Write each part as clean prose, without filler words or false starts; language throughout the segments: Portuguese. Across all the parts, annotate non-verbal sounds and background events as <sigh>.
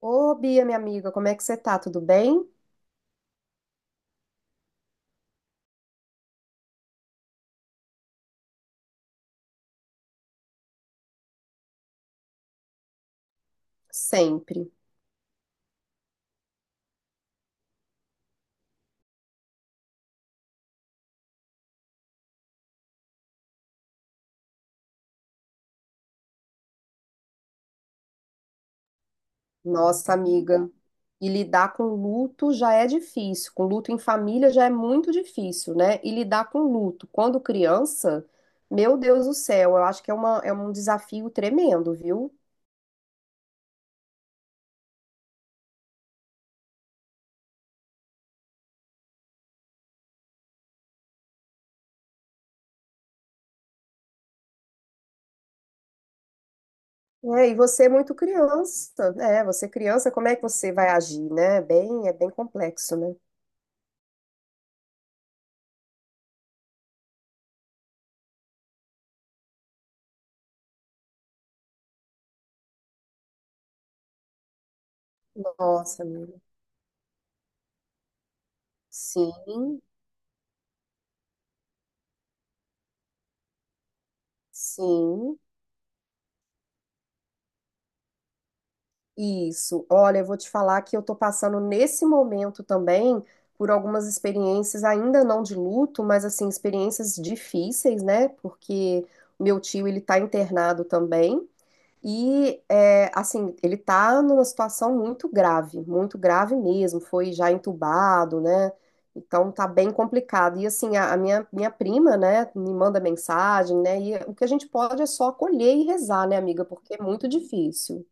Ô, Bia, minha amiga, como é que você tá? Tudo bem? Sempre. Nossa, amiga. E lidar com luto já é difícil. Com luto em família já é muito difícil, né? E lidar com luto quando criança, meu Deus do céu, eu acho que é um desafio tremendo, viu? É, e você é muito criança, né? Você é criança, como é que você vai agir, né? Bem, é bem complexo, né? Nossa, amiga. Sim, sim. Isso. Olha, eu vou te falar que eu tô passando nesse momento também por algumas experiências, ainda não de luto, mas assim, experiências difíceis, né? Porque o meu tio, ele tá internado também. E, é, assim, ele tá numa situação muito grave mesmo. Foi já entubado, né? Então tá bem complicado. E assim, minha prima, né, me manda mensagem, né? E o que a gente pode é só acolher e rezar, né, amiga? Porque é muito difícil.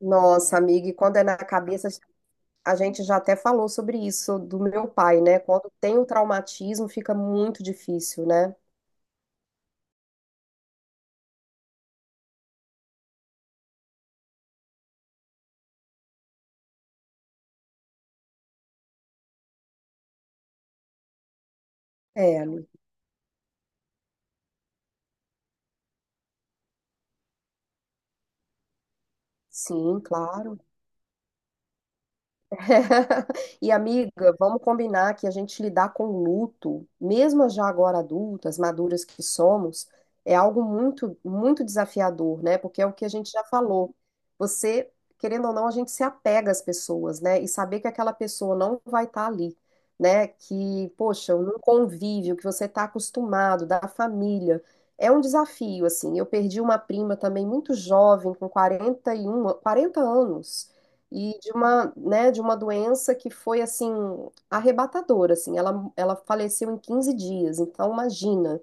Nossa, amiga, e quando é na cabeça, a gente já até falou sobre isso do meu pai, né? Quando tem o traumatismo, fica muito difícil, né? É, amiga. Sim, claro. <laughs> E amiga, vamos combinar que a gente lidar com luto, mesmo já agora adultas, maduras que somos, é algo muito, muito desafiador, né? Porque é o que a gente já falou. Você, querendo ou não, a gente se apega às pessoas, né? E saber que aquela pessoa não vai estar ali, né? Que, poxa, num convívio que você está acostumado, da família. É um desafio, assim. Eu perdi uma prima também muito jovem, com 41, 40 anos e de uma, né, de uma doença que foi assim arrebatadora, assim. Ela faleceu em 15 dias, então imagina,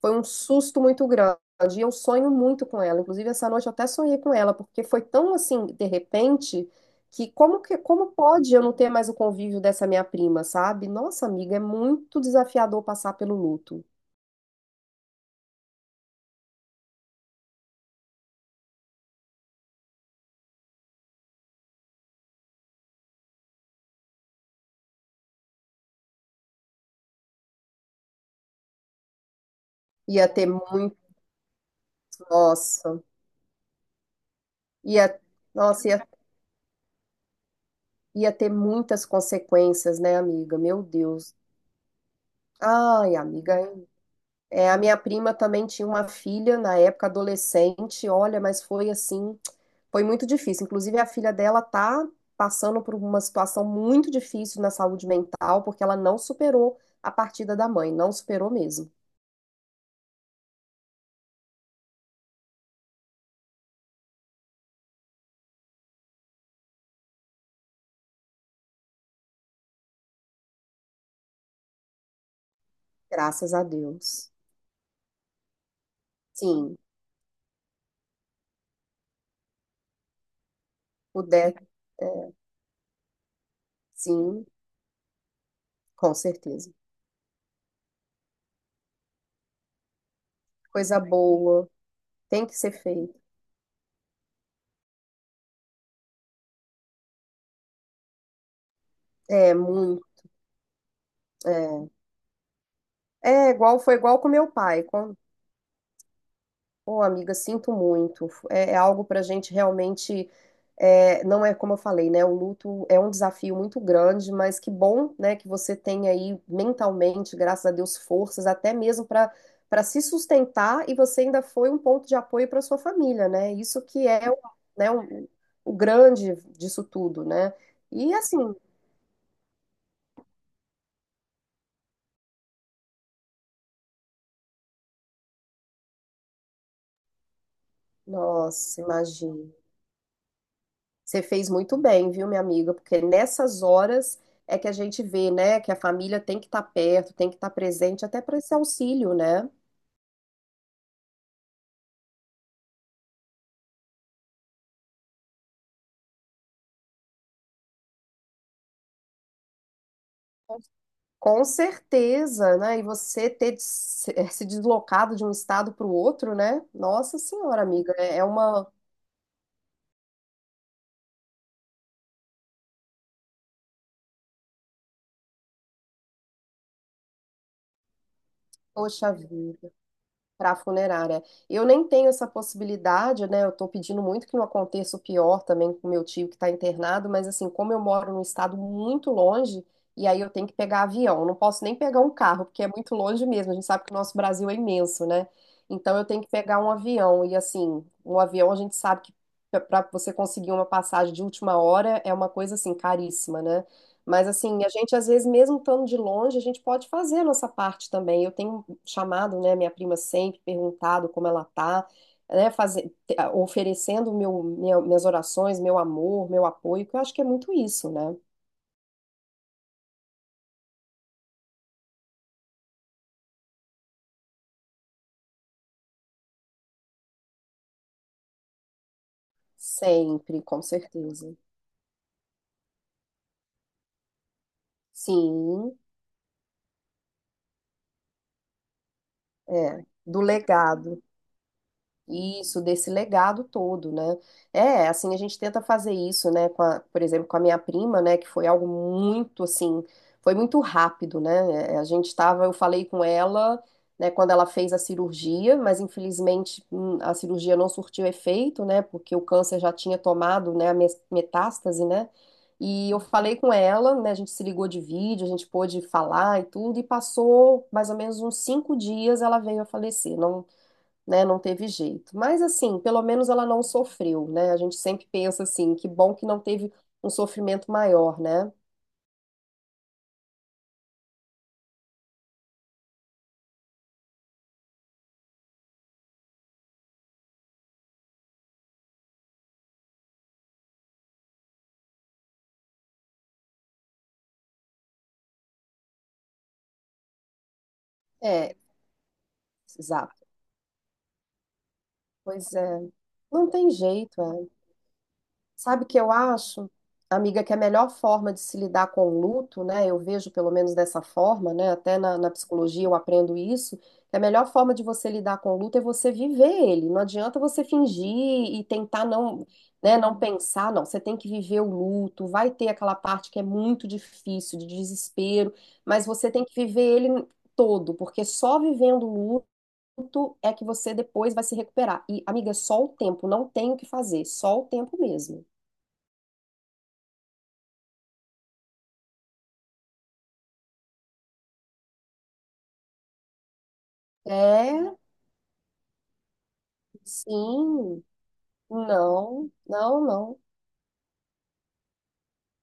foi um susto muito grande. E eu sonho muito com ela. Inclusive essa noite eu até sonhei com ela, porque foi tão assim, de repente, que como pode eu não ter mais o convívio dessa minha prima, sabe? Nossa, amiga, é muito desafiador passar pelo luto. Ia ter muito, nossa, ia, nossa, ia, ia ter muitas consequências, né, amiga? Meu Deus. Ai, amiga, é, a minha prima também tinha uma filha na época adolescente, olha, mas foi assim, foi muito difícil. Inclusive, a filha dela tá passando por uma situação muito difícil na saúde mental, porque ela não superou a partida da mãe, não superou mesmo. Graças a Deus. Sim, puder, é, sim, com certeza. Coisa boa, tem que ser feito. É, muito. É, é igual, foi igual com meu pai. Quando ô, amiga, sinto muito. É, é algo para a gente realmente. É, não é como eu falei, né? O luto é um desafio muito grande, mas que bom, né, que você tem aí mentalmente, graças a Deus, forças até mesmo para se sustentar e você ainda foi um ponto de apoio para sua família, né? Isso que é, né, o, o grande disso tudo, né? E assim, nossa, imagina. Você fez muito bem, viu, minha amiga? Porque nessas horas é que a gente vê, né, que a família tem que estar perto, tem que estar presente até para esse auxílio, né? Com certeza, né? E você ter de se deslocado de um estado para o outro, né? Nossa Senhora, amiga, é uma. Poxa vida. Para a funerária. Eu nem tenho essa possibilidade, né? Eu estou pedindo muito que não aconteça o pior também com meu tio que está internado, mas assim, como eu moro num estado muito longe, e aí eu tenho que pegar avião, eu não posso nem pegar um carro, porque é muito longe mesmo. A gente sabe que o nosso Brasil é imenso, né? Então eu tenho que pegar um avião, e assim, um avião a gente sabe que para você conseguir uma passagem de última hora é uma coisa assim caríssima, né? Mas assim, a gente às vezes mesmo estando de longe, a gente pode fazer a nossa parte também. Eu tenho chamado, né, minha prima sempre, perguntado como ela tá, né, oferecendo minhas orações, meu amor, meu apoio, que eu acho que é muito isso, né? Sempre, com certeza. Sim, é, do legado. Isso, desse legado todo, né? É, assim, a gente tenta fazer isso, né, por exemplo, com a minha prima, né, que foi algo muito, assim, foi muito rápido, né? É, a gente tava, eu falei com ela, né, quando ela fez a cirurgia, mas infelizmente a cirurgia não surtiu efeito, né, porque o câncer já tinha tomado, né, metástase, né? E eu falei com ela, né, a gente se ligou de vídeo, a gente pôde falar e tudo, e passou mais ou menos uns 5 dias, ela veio a falecer, não né? Não teve jeito. Mas assim, pelo menos ela não sofreu, né? A gente sempre pensa assim, que bom que não teve um sofrimento maior, né? É, exato. Pois é, não tem jeito, é. Sabe o que eu acho, amiga, que é a melhor forma de se lidar com o luto, né? Eu vejo pelo menos dessa forma, né? Até na psicologia eu aprendo isso, que a melhor forma de você lidar com o luto é você viver ele. Não adianta você fingir e tentar não, né, não pensar, não. Você tem que viver o luto, vai ter aquela parte que é muito difícil, de desespero, mas você tem que viver ele todo, porque só vivendo o luto é que você depois vai se recuperar. E, amiga, é só o tempo, não tem o que fazer, só o tempo mesmo. É, sim, não, não, não.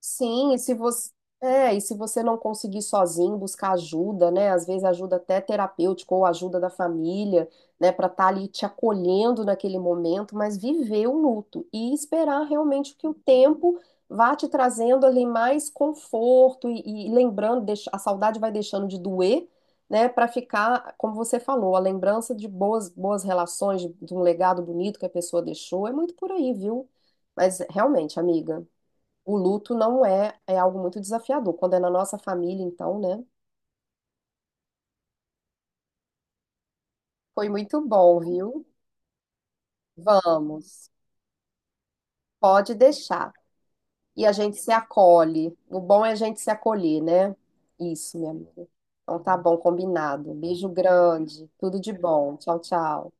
Sim, e se você, e se você não conseguir sozinho, buscar ajuda, né? Às vezes ajuda até terapêutica ou ajuda da família, né, para estar ali te acolhendo naquele momento, mas viver o luto e esperar realmente que o tempo vá te trazendo ali mais conforto e lembrando, a saudade vai deixando de doer, né, para ficar, como você falou, a lembrança de boas relações, de um legado bonito que a pessoa deixou, é muito por aí, viu? Mas realmente, amiga, o luto não é, é algo muito desafiador. Quando é na nossa família, então, né? Foi muito bom, viu? Vamos, pode deixar. E a gente se acolhe. O bom é a gente se acolher, né? Isso, minha amiga. Então tá bom, combinado. Beijo grande, tudo de bom. Tchau, tchau.